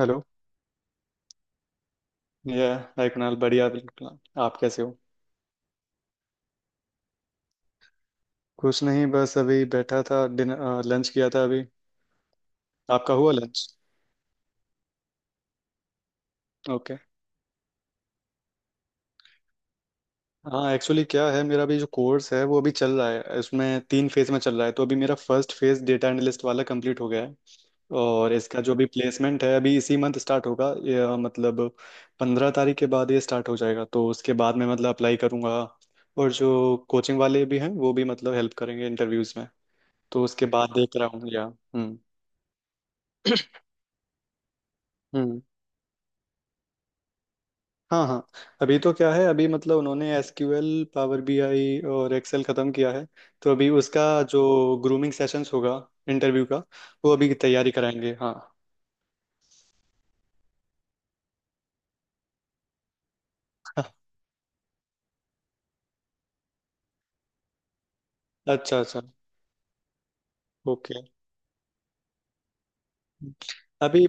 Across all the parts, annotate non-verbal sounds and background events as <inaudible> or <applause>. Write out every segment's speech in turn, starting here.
Hello. ये hi Kunal, बढ़िया, बिल्कुल। आप कैसे हो? कुछ नहीं, बस अभी बैठा था, डिनर लंच किया था अभी। आपका हुआ लंच? ओके। हाँ, एक्चुअली क्या है, मेरा अभी जो कोर्स है वो अभी चल रहा है, उसमें तीन फेज में चल रहा है। तो अभी मेरा फर्स्ट फेज डेटा एनालिस्ट वाला कंप्लीट हो गया है। और इसका जो अभी प्लेसमेंट है, अभी इसी मंथ स्टार्ट होगा ये, मतलब 15 तारीख के बाद ये स्टार्ट हो जाएगा। तो उसके बाद मैं मतलब अप्लाई करूँगा। और जो कोचिंग वाले भी हैं वो भी मतलब हेल्प करेंगे इंटरव्यूज में। तो उसके बाद देख रहा हूँ या। हम्म। हम्म। हाँ हाँ। अभी तो क्या है, अभी मतलब उन्होंने एसक्यूएल, पावर बीआई और एक्सेल खत्म किया है। तो अभी उसका जो ग्रूमिंग सेशंस होगा इंटरव्यू का, वो अभी तैयारी कराएंगे। हाँ। <laughs> अच्छा अच्छा। ओके। अभी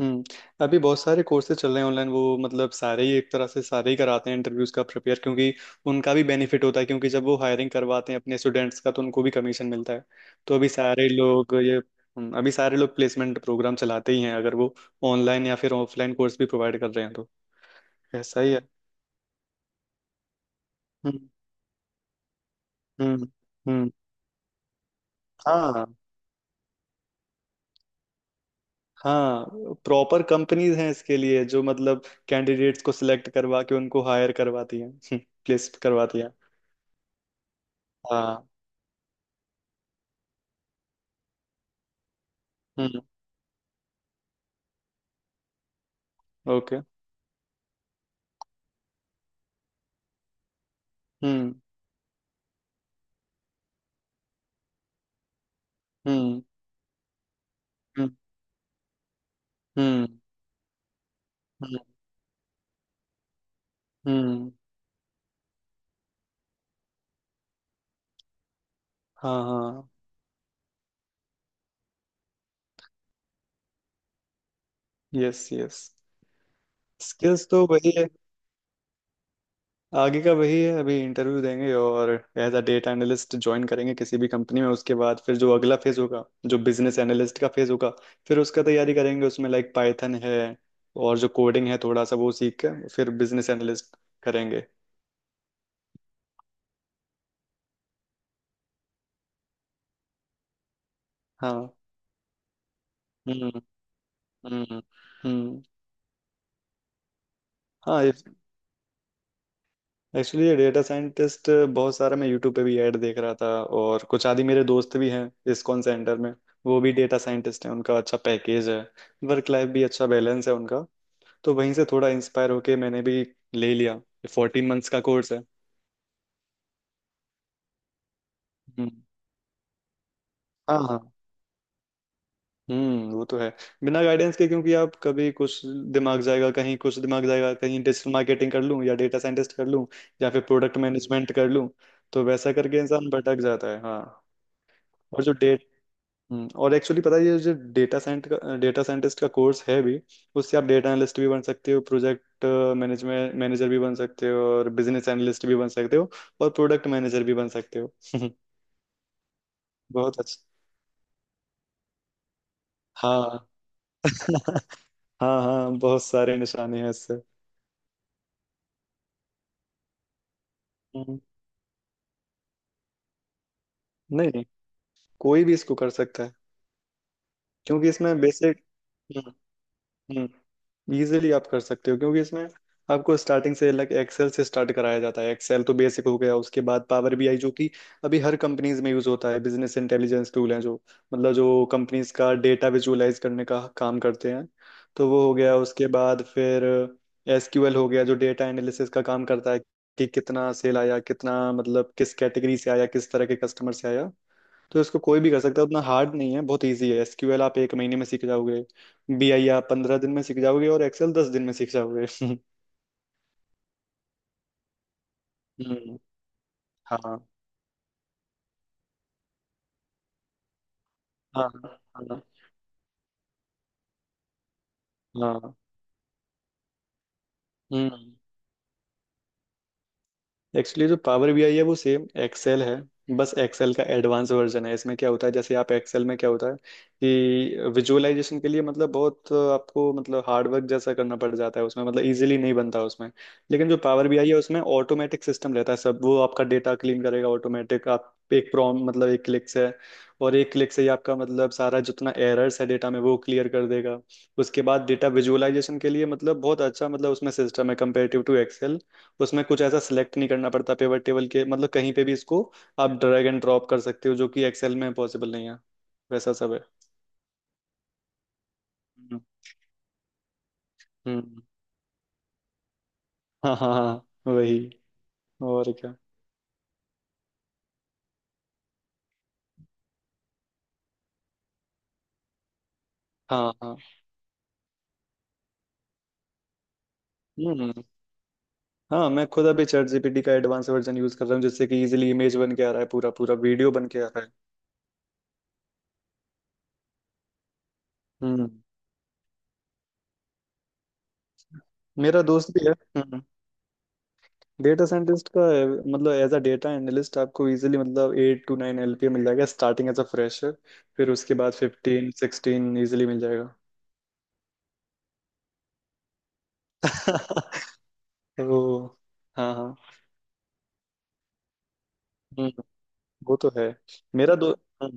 हम्म अभी बहुत सारे कोर्सेज चल रहे हैं ऑनलाइन। वो मतलब सारे ही, एक तरह से सारे ही कराते हैं इंटरव्यूज का प्रिपेयर, क्योंकि उनका भी बेनिफिट होता है, क्योंकि जब वो हायरिंग करवाते हैं अपने स्टूडेंट्स का तो उनको भी कमीशन मिलता है। तो अभी सारे लोग ये अभी सारे लोग प्लेसमेंट प्रोग्राम चलाते ही हैं, अगर वो ऑनलाइन या फिर ऑफलाइन कोर्स भी प्रोवाइड कर रहे हैं तो। ऐसा ही है। हम्म। हम्म। हम्म। हाँ हाँ। प्रॉपर कंपनीज हैं इसके लिए, जो मतलब कैंडिडेट्स को सिलेक्ट करवा के उनको हायर करवाती हैं, <laughs> प्लेस करवाती हैं। हाँ। हम्म। ओके। हम्म। हम्म। हम्म। हम्म। हम्म। हम्म। हाँ हाँ। Yes yes. स्किल्स तो वही है। आगे का वही है, अभी इंटरव्यू देंगे और as a data analyst join करेंगे किसी भी कंपनी में। उसके बाद फिर जो अगला फेज होगा, जो बिजनेस एनालिस्ट का फेज होगा, फिर उसका तैयारी करेंगे। उसमें लाइक पाइथन है, और जो कोडिंग है थोड़ा सा, वो सीख कर फिर बिजनेस एनालिस्ट करेंगे। हाँ। हम्म। हम्म। हम्म। हाँ, एक्चुअली ये डेटा साइंटिस्ट, बहुत सारा मैं यूट्यूब पे भी ऐड देख रहा था। और कुछ आदि मेरे दोस्त भी हैं इस्कॉन सेंटर में, वो भी डेटा साइंटिस्ट हैं, उनका अच्छा पैकेज है, वर्क लाइफ भी अच्छा बैलेंस है उनका। तो वहीं से थोड़ा इंस्पायर होके मैंने भी ले लिया। 14 मंथ्स का कोर्स है। हम्म। हाँ हाँ। हम्म, वो तो है। बिना गाइडेंस के, क्योंकि आप कभी कुछ, दिमाग जाएगा कहीं, कुछ दिमाग जाएगा कहीं, डिजिटल मार्केटिंग कर लूँ या डेटा साइंटिस्ट कर लूँ या फिर प्रोडक्ट मैनेजमेंट कर लूँ। तो वैसा करके इंसान भटक जाता है। हाँ। और जो, और एक्चुअली पता है, ये जो डेटा साइंटिस्ट का कोर्स है भी, उससे आप डेटा एनालिस्ट भी बन सकते हो, प्रोजेक्ट मैनेजमेंट मैनेजर भी बन सकते हो, और बिजनेस एनालिस्ट भी बन सकते हो, और प्रोडक्ट मैनेजर भी बन सकते हो। <laughs> बहुत अच्छा। हाँ। <laughs> हाँ हाँ, बहुत सारे निशाने हैं इससे। हम्म। नहीं नहीं, कोई भी इसको कर सकता है, क्योंकि इसमें बेसिक, इजीली आप कर सकते हो, क्योंकि इसमें आपको स्टार्टिंग से लाइक एक्सेल से स्टार्ट कराया जाता है। एक्सेल तो बेसिक हो गया, उसके बाद पावर बीआई, जो कि अभी हर कंपनीज में यूज होता है, बिजनेस इंटेलिजेंस टूल है, जो मतलब जो कंपनीज का डेटा विजुअलाइज करने का काम करते हैं। तो वो हो गया। उसके बाद फिर एसक्यूएल हो गया, जो डेटा एनालिसिस का काम करता है, कि कितना सेल आया, कितना मतलब किस कैटेगरी से आया, किस तरह के कस्टमर से आया। तो इसको कोई भी कर सकता है, उतना हार्ड नहीं है, बहुत इजी है। एसक्यूएल आप एक महीने में सीख जाओगे, बीआई आप 15 दिन में सीख जाओगे, और एक्सेल 10 दिन में सीख जाओगे। <laughs> हम्म। हाँ हाँ। हाँ हाँ। हम्म, एक्चुअली जो पावर बी आई है, वो सेम एक्सेल है, बस एक्सेल का एडवांस वर्जन है। इसमें क्या होता है, जैसे आप एक्सेल में, क्या होता है कि विजुअलाइजेशन के लिए मतलब बहुत आपको मतलब हार्ड वर्क जैसा करना पड़ जाता है उसमें, मतलब इजीली नहीं बनता उसमें। लेकिन जो पावर बी आई है, उसमें ऑटोमेटिक सिस्टम रहता है सब। वो आपका डेटा क्लीन करेगा ऑटोमेटिक, आप एक प्रॉम मतलब एक क्लिक से, और एक क्लिक से ही आपका मतलब सारा जितना एरर्स है डेटा में वो क्लियर कर देगा। उसके बाद डेटा विजुअलाइजेशन के लिए मतलब बहुत अच्छा, मतलब उसमें सिस्टम है कंपेरेटिव टू एक्सेल। तो उसमें कुछ ऐसा सिलेक्ट नहीं करना पड़ता पिवट टेबल के, मतलब कहीं पे भी इसको आप ड्रैग एंड ड्रॉप कर सकते हो, जो कि एक्सेल में पॉसिबल नहीं है। वैसा सब है। हम्म। हम्म, हाँ हाँ हाँ, वही। और क्या। हाँ हाँ। हम्म। हाँ, मैं खुद अभी चैट जीपीटी का एडवांस वर्जन यूज कर रहा हूँ, जिससे कि इजीली इमेज बन के आ रहा है, पूरा पूरा वीडियो बन के आ रहा है। हम्म। मेरा दोस्त भी है। हम्म। डेटा साइंटिस्ट का है, मतलब एज अ डेटा एनालिस्ट आपको इजीली मतलब 8-9 LPA मिल जाएगा स्टार्टिंग, एज अ फ्रेशर। फिर उसके बाद 15-16 इजीली मिल जाएगा। <laughs> वो। हाँ हाँ। हम्म, वो तो है। मेरा दो हाँ,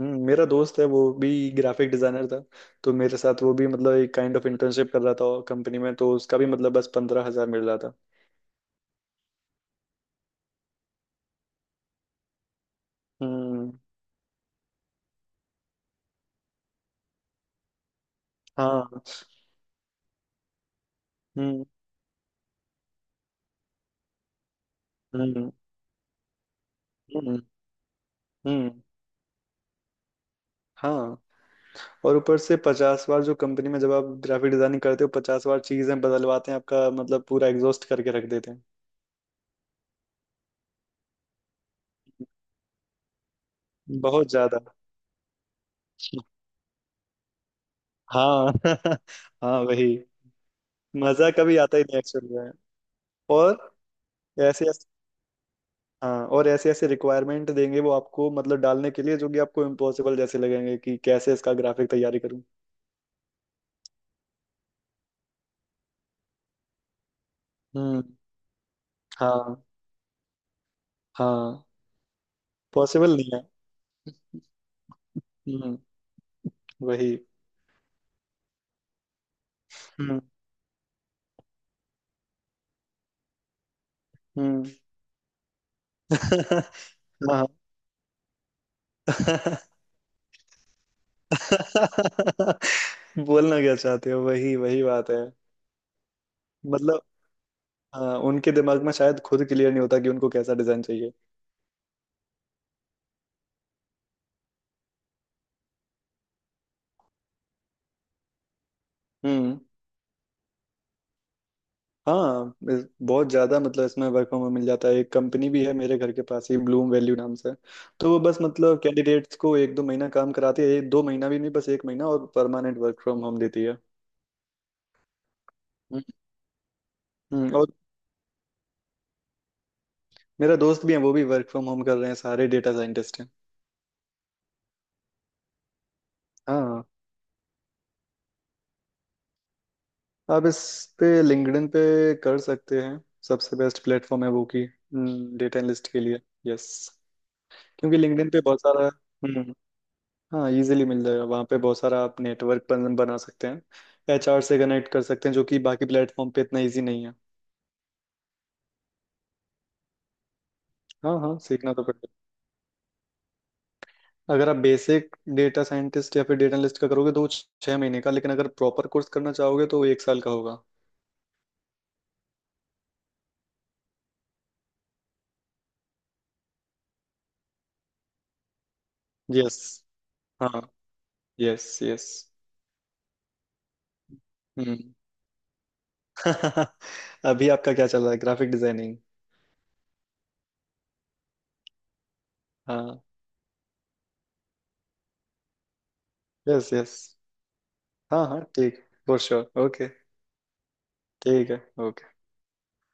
मेरा दोस्त है, वो भी ग्राफिक डिजाइनर था। तो मेरे साथ वो भी मतलब एक काइंड ऑफ इंटर्नशिप कर रहा था कंपनी में, तो उसका भी मतलब बस 15,000 मिल रहा था। हम्म। हाँ। हम्म। हम्म। हम्म। हम्म, हाँ, और ऊपर से 50 बार, जो कंपनी में जब आप ग्राफिक डिजाइनिंग करते हो, 50 बार चीजें बदलवाते हैं आपका मतलब, पूरा एग्जॉस्ट करके रख देते हैं। बहुत ज्यादा। हाँ। <laughs> हाँ, वही। मजा कभी आता ही नहीं एक्चुअली में। और ऐसे ऐसे। हाँ, और ऐसे ऐसे रिक्वायरमेंट देंगे वो आपको, मतलब डालने के लिए, जो कि आपको इम्पॉसिबल जैसे लगेंगे कि कैसे इसका ग्राफिक तैयारी करूं। हम्म। हाँ हाँ। पॉसिबल नहीं है। हम्म, वही। हम्म। हम्म। <laughs> हाँ। <laughs> बोलना क्या चाहते हो, वही वही बात है। मतलब हाँ, उनके दिमाग में शायद खुद क्लियर नहीं होता कि उनको कैसा डिजाइन चाहिए। हम्म। हाँ, बहुत ज़्यादा, मतलब इसमें वर्क फ्रॉम होम मिल जाता है। एक कंपनी भी है मेरे घर के पास ही, ब्लूम वैल्यू नाम से। तो वो बस मतलब कैंडिडेट्स को एक दो महीना काम कराती है, एक दो महीना भी नहीं, बस एक महीना, और परमानेंट वर्क फ्रॉम होम देती है। हम्म, और मेरा दोस्त भी है, वो भी वर्क फ्रॉम होम कर रहे हैं, सारे डेटा साइंटिस्ट हैं। हाँ। आप इस पे, लिंक्डइन पे कर सकते हैं, सबसे बेस्ट प्लेटफॉर्म है वो की, डेटा एनालिस्ट के लिए। यस। क्योंकि लिंक्डइन पे बहुत सारा, हम्म, हाँ इजीली मिल जाएगा, वहाँ पे बहुत सारा आप नेटवर्क बना सकते हैं, एचआर से कनेक्ट कर सकते हैं, जो कि बाकी प्लेटफॉर्म पे इतना इजी नहीं है। हाँ हाँ, सीखना तो पड़ेगा। अगर आप बेसिक डेटा साइंटिस्ट या फिर डेटा एनालिस्ट का करोगे तो वो 6 महीने का, लेकिन अगर प्रॉपर कोर्स करना चाहोगे तो वो एक साल का होगा। यस। हाँ। Yes yes. हम्म। <laughs> अभी आपका क्या चल रहा है, ग्राफिक डिजाइनिंग? हाँ। Yes yes. हाँ हाँ ठीक, फॉर श्योर। ओके। ठीक है। ओके।